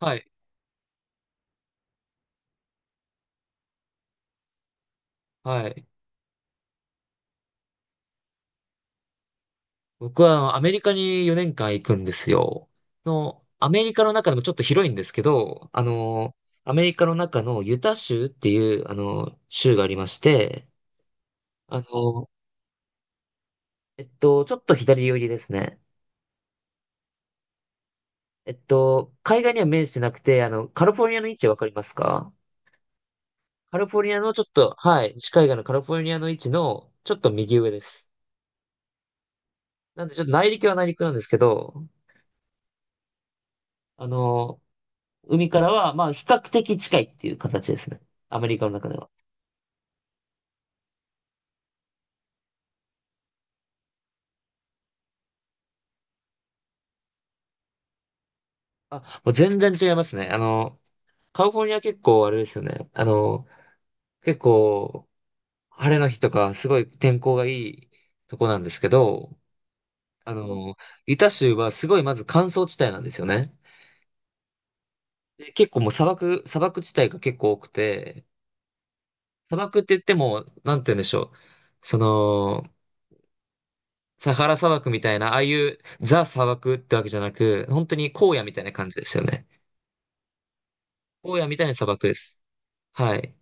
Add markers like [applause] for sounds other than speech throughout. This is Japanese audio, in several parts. はい、はい。僕はアメリカに4年間行くんですよ。アメリカの中でもちょっと広いんですけど、アメリカの中のユタ州っていう、州がありまして、あの、ちょっと左寄りですね。海岸には面してなくて、カリフォルニアの位置わかりますか？カリフォルニアのちょっと、はい、西海岸のカリフォルニアの位置のちょっと右上です。なんで、ちょっと内陸は内陸なんですけど、あの、海からは、まあ、比較的近いっていう形ですね。アメリカの中では。あ、もう全然違いますね。カリフォルニア結構あれですよね。結構、晴れの日とか、すごい天候がいいとこなんですけど、あの、ユタ州はすごいまず乾燥地帯なんですよね。で結構もう砂漠地帯が結構多くて、砂漠って言っても、なんて言うんでしょう。その、サハラ砂漠みたいな、ああいうザ砂漠ってわけじゃなく、本当に荒野みたいな感じですよね。荒野みたいな砂漠です。はい。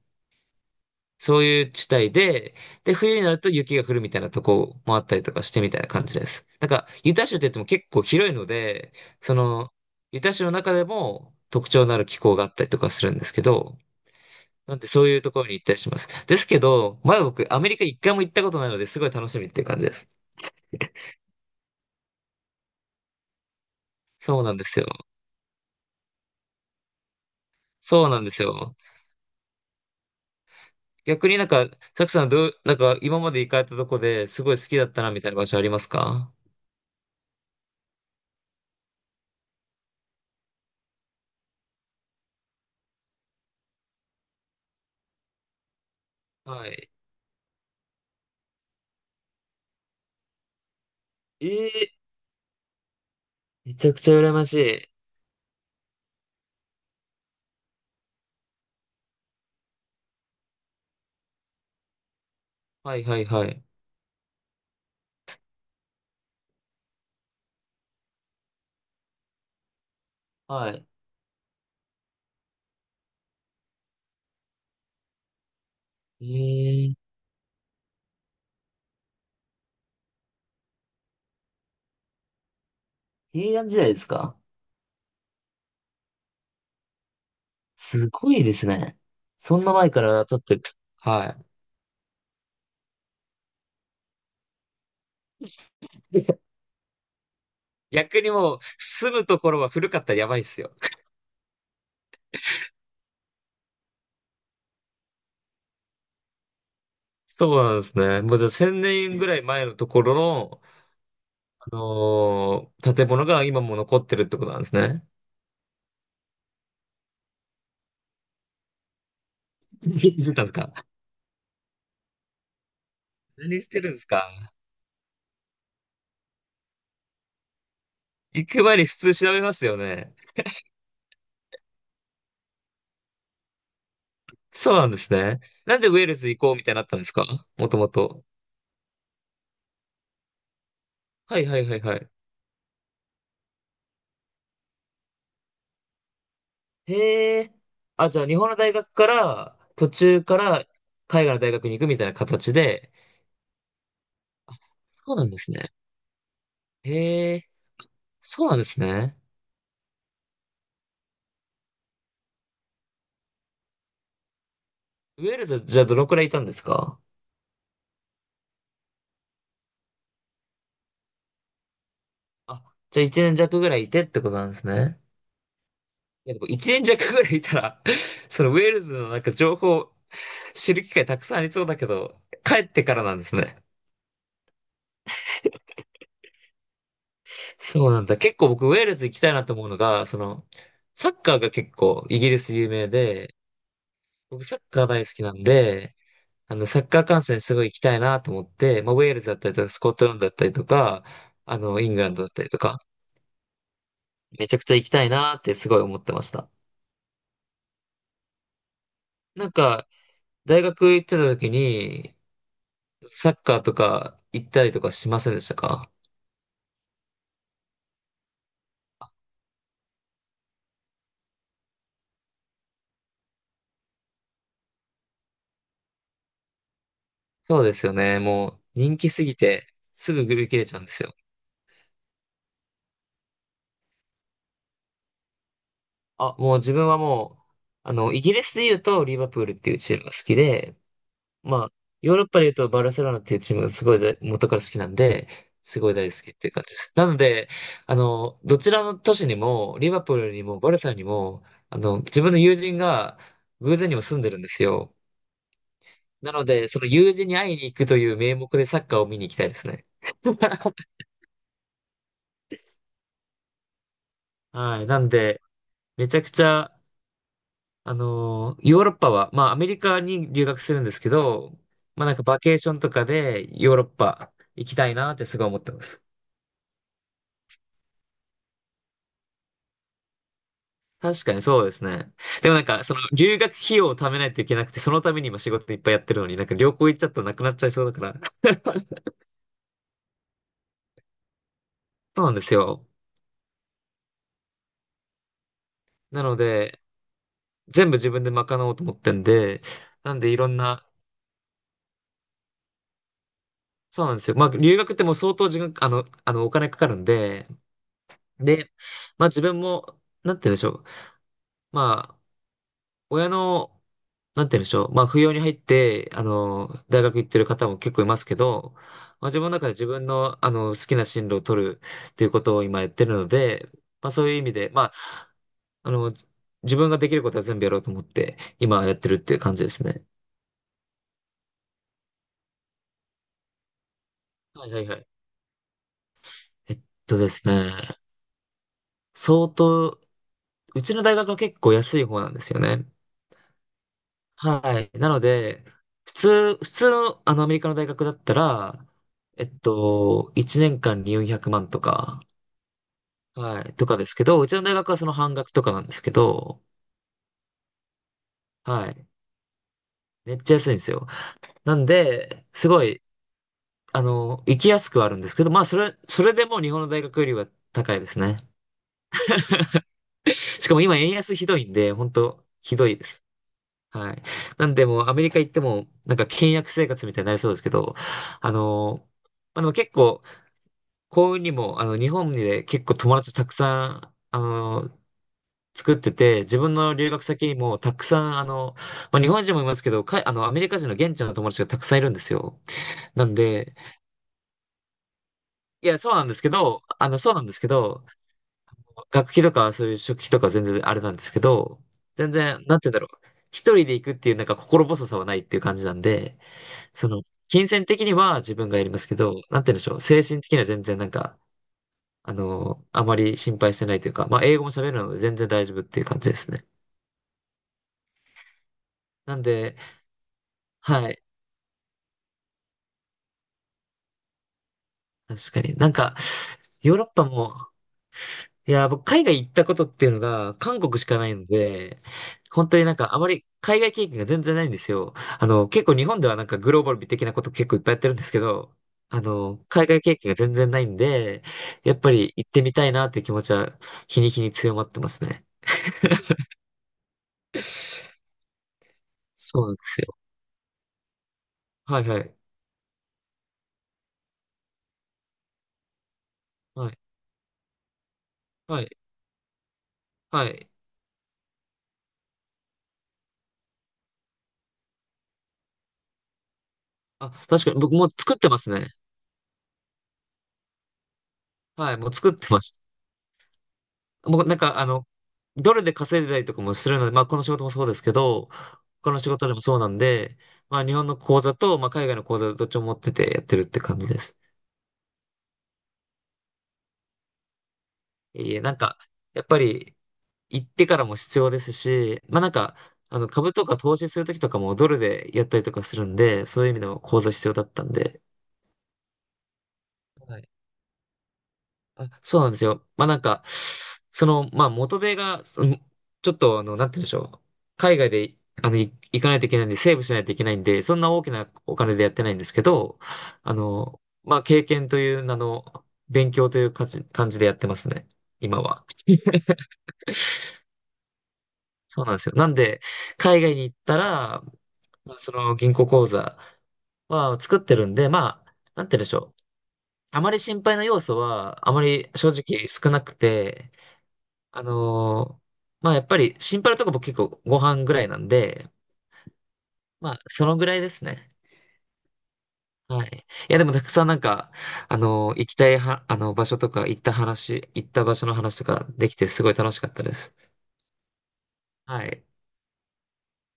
そういう地帯で、で、冬になると雪が降るみたいなとこもあったりとかしてみたいな感じです。なんか、ユタ州って言っても結構広いので、その、ユタ州の中でも特徴のある気候があったりとかするんですけど、なんでそういうところに行ったりします。ですけど、まだ僕、アメリカ一回も行ったことないので、すごい楽しみっていう感じです。そうなんですよ。そうなんですよ。逆になんか、サクさんどう、なんか今まで行かれたとこですごい好きだったなみたいな場所ありますか？はい。ええ、めちゃくちゃ羨ましい。はいはいはい。はい。ええ、平安時代ですか？すごいですね。そんな前から経ってる。はい。[laughs] 逆にもう、住むところは古かったらやばいっすよ。そうなんですね。もうじゃあ1000年ぐらい前のところの、建物が今も残ってるってことなんですね。[laughs] 何してたんですか？何してるんですか？行く前に普通調べますよね。そうなんですね。なんでウェールズ行こうみたいになったんですか？もともと。はいはいはいはい。へえ。あ、じゃあ日本の大学から、途中から海外の大学に行くみたいな形で。そうなんですね。へえ。そうなんですね。ウェールズ、じゃあどのくらいいたんですか？あ、じゃあ1年弱ぐらいいてってことなんですね。いや、でも1年弱ぐらいいたら [laughs] そのウェールズのなんか情報知る機会たくさんありそうだけど、帰ってからなんですね。そうなんだ。結構僕ウェールズ行きたいなと思うのが、その、サッカーが結構イギリス有名で、僕サッカー大好きなんで、サッカー観戦すごい行きたいなと思って、まあ、ウェールズだったりとか、スコットランドだったりとか、イングランドだったりとか、めちゃくちゃ行きたいなってすごい思ってました。なんか、大学行ってた時に、サッカーとか行ったりとかしませんでしたか？そうですよね。もう人気すぎて、すぐ売り切れちゃうんですよ。あ、もう自分はもう、イギリスで言うと、リバプールっていうチームが好きで、まあ、ヨーロッパで言うとバルセロナっていうチームがすごい大元から好きなんで、すごい大好きっていう感じです。[laughs] なので、どちらの都市にも、リバプールにもバルサにも、自分の友人が偶然にも住んでるんですよ。なので、その友人に会いに行くという名目でサッカーを見に行きたいですね。[laughs] はい。なんで、めちゃくちゃ、ヨーロッパは、まあ、アメリカに留学するんですけど、まあ、なんかバケーションとかでヨーロッパ行きたいなってすごい思ってます。確かにそうですね。でもなんか、その、留学費用を貯めないといけなくて、そのために今仕事いっぱいやってるのに、なんか旅行行っちゃったらなくなっちゃいそうだから。[laughs] そうなんですよ。なので、全部自分で賄おうと思ってんで、なんでいろんな、そうなんですよ。まあ、留学ってもう相当時間、お金かかるんで、で、まあ自分も、なんて言うんでしょう。まあ、親のなんて言うんでしょう。まあ、不要に入って、大学行ってる方も結構いますけど、まあ、自分の中で自分の、好きな進路を取るっていうことを今やってるので、まあ、そういう意味で、まあ、あの、自分ができることは全部やろうと思って、今やってるっていう感じですね。はいはいはい。えっですね、相当、うちの大学は結構安い方なんですよね。はい。なので、普通の、アメリカの大学だったら、1年間に400万とか、はい。とかですけど、うちの大学はその半額とかなんですけど、はい。めっちゃ安いんですよ。なんで、すごい、行きやすくはあるんですけど、まあ、それでも日本の大学よりは高いですね。しかも今円安ひどいんで、本当ひどいです。はい。なんで、もうアメリカ行っても、なんか倹約生活みたいになりそうですけど、あの、まあ、でも結構、幸運にも、日本で結構友達たくさん、作ってて、自分の留学先にもたくさん、まあ、日本人もいますけど、か、あの、アメリカ人の現地の友達がたくさんいるんですよ。なんで、いや、そうなんですけど、あの、そうなんですけど、学費とかそういう食費とか全然あれなんですけど、全然、なんて言うんだろう。一人で行くっていうなんか心細さはないっていう感じなんで、その、金銭的には自分がやりますけど、なんて言うんでしょう。精神的には全然なんか、あまり心配してないというか、まあ、英語も喋るので全然大丈夫っていう感じですね。なんで、はい。確かに。なんか、ヨーロッパも、いや、僕、海外行ったことっていうのが、韓国しかないので、本当になんか、あまり海外経験が全然ないんですよ。結構日本ではなんかグローバル的なこと結構いっぱいやってるんですけど、海外経験が全然ないんで、やっぱり行ってみたいなっていう気持ちは、日に日に強まってますね。そうなんですよ。はいはい。はい。はい。はい。あ、確かに僕もう作ってますね。はい。もう作ってます。もうなんか、ドルで稼いでたりとかもするので、まあ、この仕事もそうですけど、他の仕事でもそうなんで、まあ、日本の口座と、まあ、海外の口座どっちも持っててやってるって感じです。いえいえ、なんか、やっぱり、行ってからも必要ですし、まあ、なんか、株とか投資するときとかもドルでやったりとかするんで、そういう意味でも口座必要だったんで、はいあ、そうなんですよ。まあなんか、その、まあ元手が、そのちょっとなんて言うんでしょう。海外で、行かないといけないんで、セーブしないといけないんで、そんな大きなお金でやってないんですけど、まあ経験という名の、勉強という感じでやってますね。今は。そうなんですよ。なんで、海外に行ったら、まあその銀行口座は作ってるんで、まあ、なんて言うんでしょう。あまり心配な要素は、あまり正直少なくて、あのーまあやっぱりシンパラとか僕結構ご飯ぐらいなんで、まあそのぐらいですね。はい。いやでもたくさんなんか、行きたいは、あの場所とか行った場所の話とかできてすごい楽しかったです。はい。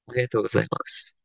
ありがとうございます。